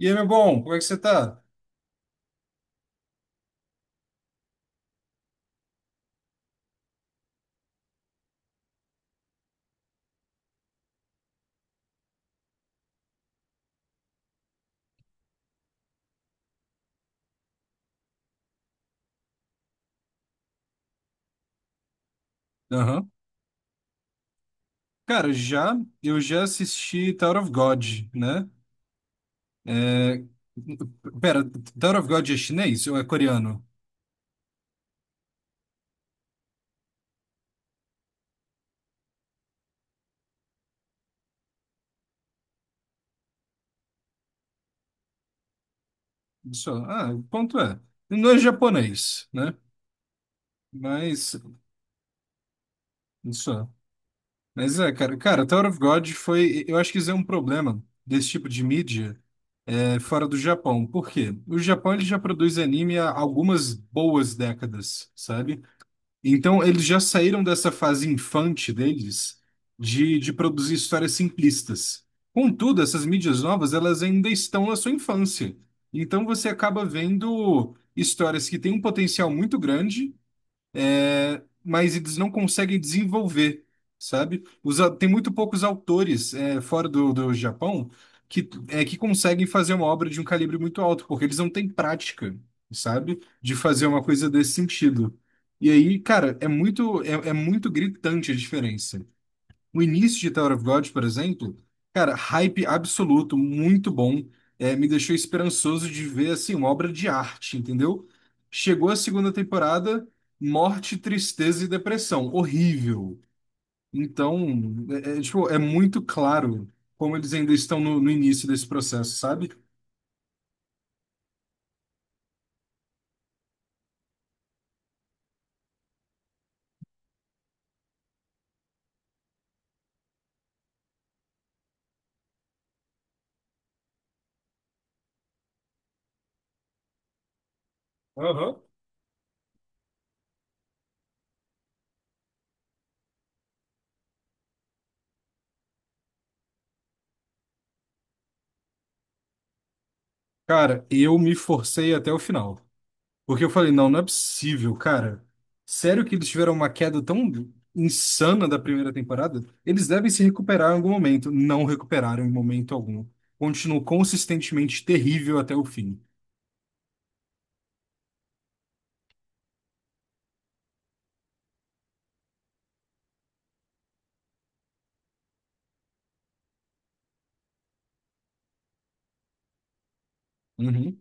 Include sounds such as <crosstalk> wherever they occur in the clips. E aí, meu bom, como é que você tá? Aham. Cara, já, eu já assisti Tower of God, né? É... Pera, Tower of God é chinês ou é coreano? Isso, ah, o ponto é, não é japonês, né? Mas, isso, mas é, cara, Tower of God foi, eu acho que isso é um problema desse tipo de mídia, fora do Japão. Por quê? O Japão, ele já produz anime há algumas boas décadas, sabe? Então, eles já saíram dessa fase infante deles de produzir histórias simplistas. Contudo, essas mídias novas, elas ainda estão na sua infância. Então, você acaba vendo histórias que têm um potencial muito grande, mas eles não conseguem desenvolver, sabe? Tem muito poucos autores fora do Japão que, que conseguem fazer uma obra de um calibre muito alto, porque eles não têm prática, sabe? De fazer uma coisa desse sentido. E aí, cara, é muito gritante a diferença. O início de Tower of God, por exemplo, cara, hype absoluto, muito bom. Me deixou esperançoso de ver, assim, uma obra de arte, entendeu? Chegou a segunda temporada, morte, tristeza e depressão. Horrível. Então, tipo, é muito claro como eles ainda estão no início desse processo, sabe? Aham. Cara, eu me forcei até o final. Porque eu falei, não, não é possível, cara. Sério que eles tiveram uma queda tão insana da primeira temporada? Eles devem se recuperar em algum momento. Não recuperaram em momento algum. Continuou consistentemente terrível até o fim. Uhum,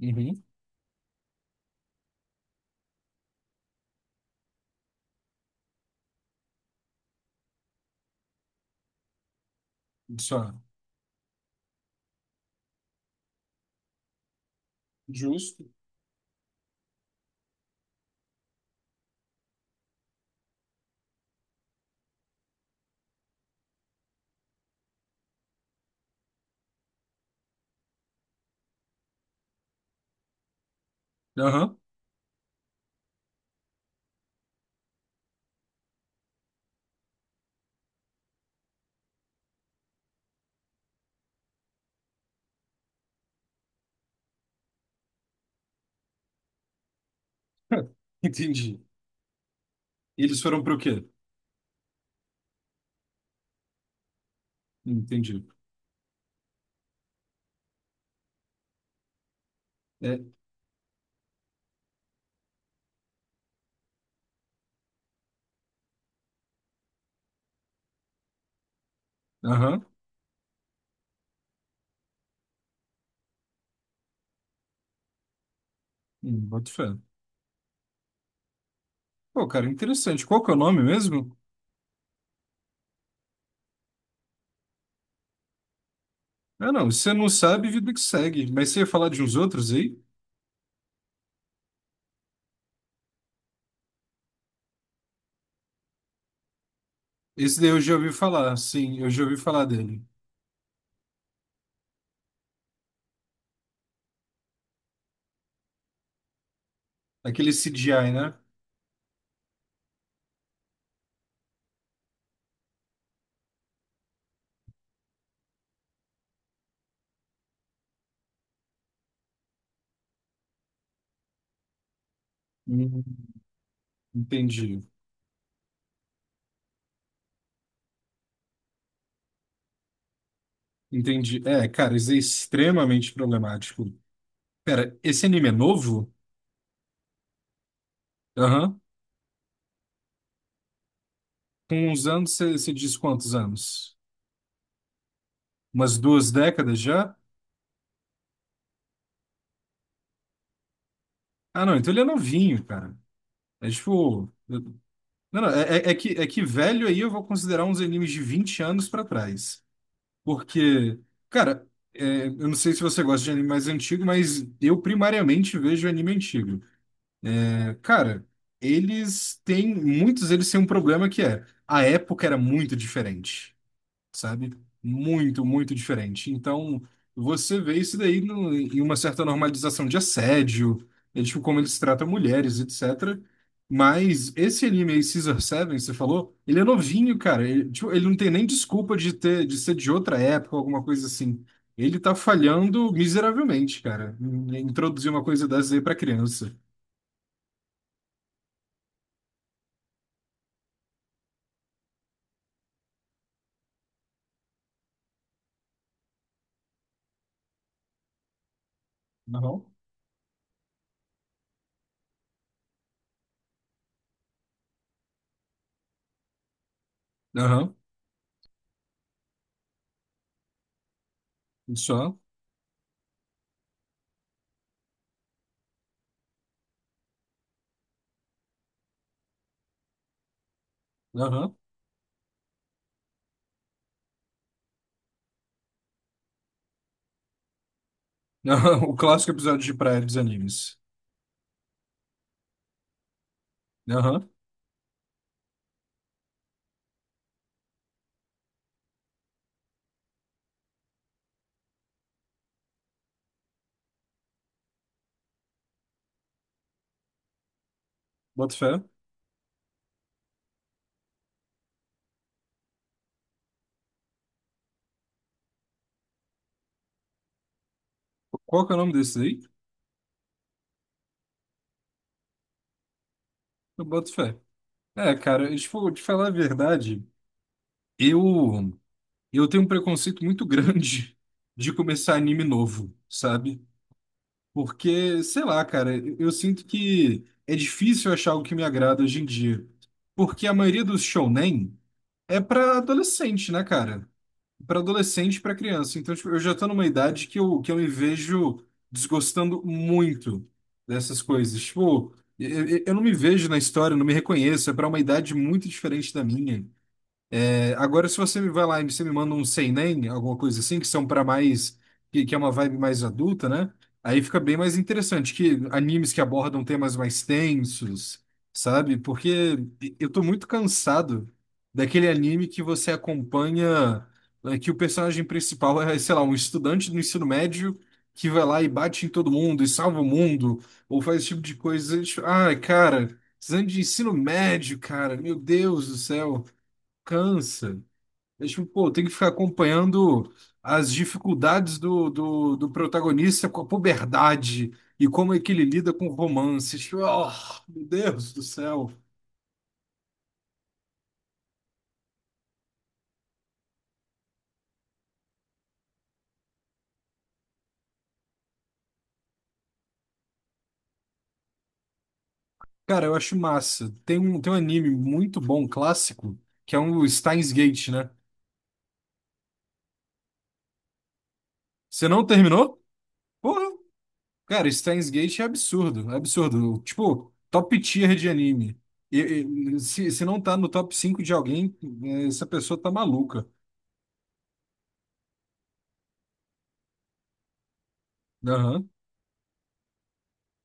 uhum. Só. Justo. Aham. <laughs> Entendi. Eles foram pro quê? Entendi. É. Aham. Boto fé. Pô, cara, interessante. Qual que é o nome mesmo? Ah, não. Se você não sabe, vida que segue. Mas você ia falar de uns outros aí? Esse daí eu já ouvi falar, sim, eu já ouvi falar dele. Aquele CGI, né? Hum, Entendi, entendi. É, cara, isso é extremamente problemático. Pera, esse anime é novo? Aham. Com uns anos, você diz quantos anos? Umas 2 décadas já? Ah, não, então ele é novinho, cara. É tipo. Não, não, é que velho aí eu vou considerar uns animes de 20 anos pra trás. Porque, cara, eu não sei se você gosta de anime mais antigo, mas eu primariamente vejo anime antigo. Cara, muitos deles têm um problema que é, a época era muito diferente, sabe? Muito, muito diferente. Então, você vê isso daí em uma certa normalização de assédio, é tipo como eles tratam mulheres, etc. Mas esse anime aí, Caesar Seven, você falou, ele é novinho, cara. Ele, tipo, ele não tem nem desculpa de ter, de ser de outra época, alguma coisa assim. Ele tá falhando miseravelmente, cara, em introduzir uma coisa dessa aí pra criança. Aham. Aham. Isso, aham. <laughs> Aham. O clássico episódio de praia dos animes. Aham. Boto fé. Qual que é o nome desse aí? Eu boto fé. É, cara, se for te falar a verdade, eu, eu tenho um preconceito muito <laughs> grande de começar anime novo, sabe? Porque, sei lá, cara, eu sinto que é difícil achar algo que me agrada hoje em dia. Porque a maioria dos shounen é pra adolescente, né, cara? Para adolescente, e para criança. Então, tipo, eu já estou numa idade que eu me vejo desgostando muito dessas coisas. Tipo, eu não me vejo na história, não me reconheço, é para uma idade muito diferente da minha. Agora, se você me vai lá e você me manda um seinen, alguma coisa assim, que são para mais, que é uma vibe mais adulta, né? Aí fica bem mais interessante, que animes que abordam temas mais tensos, sabe? Porque eu tô muito cansado daquele anime que você acompanha, que o personagem principal é, sei lá, um estudante do ensino médio que vai lá e bate em todo mundo e salva o mundo, ou faz esse tipo de coisa. Ai, cara, precisando de ensino médio, cara, meu Deus do céu, cansa. É tipo, pô, tem que ficar acompanhando as dificuldades do protagonista com a puberdade e como é que ele lida com romances. Tipo, oh, meu Deus do céu. Cara, eu acho massa. Tem um anime muito bom, clássico, que é um Steins Gate, né? Você não terminou? Porra! Cara, Steins Gate é absurdo, é absurdo. Tipo, top tier de anime. E- se não tá no top 5 de alguém, essa pessoa tá maluca. Aham.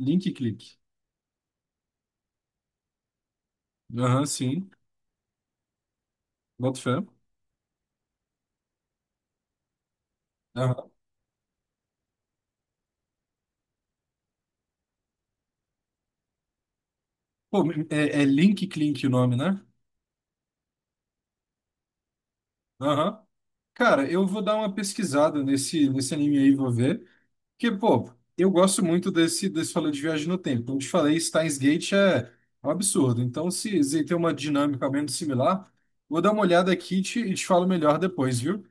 Link click. Aham, sim. Boto fé. Aham. Pô, é Link Clink o nome, né? Aham. Cara, eu vou dar uma pesquisada nesse anime aí, vou ver. Porque, pô, eu gosto muito desse falou de viagem no tempo. Como te falei, Steins Gate é um absurdo. Então, se tem uma dinâmica menos similar, vou dar uma olhada aqui e e te falo melhor depois, viu?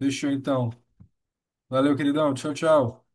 Deixa eu então. Valeu, queridão. Tchau, tchau.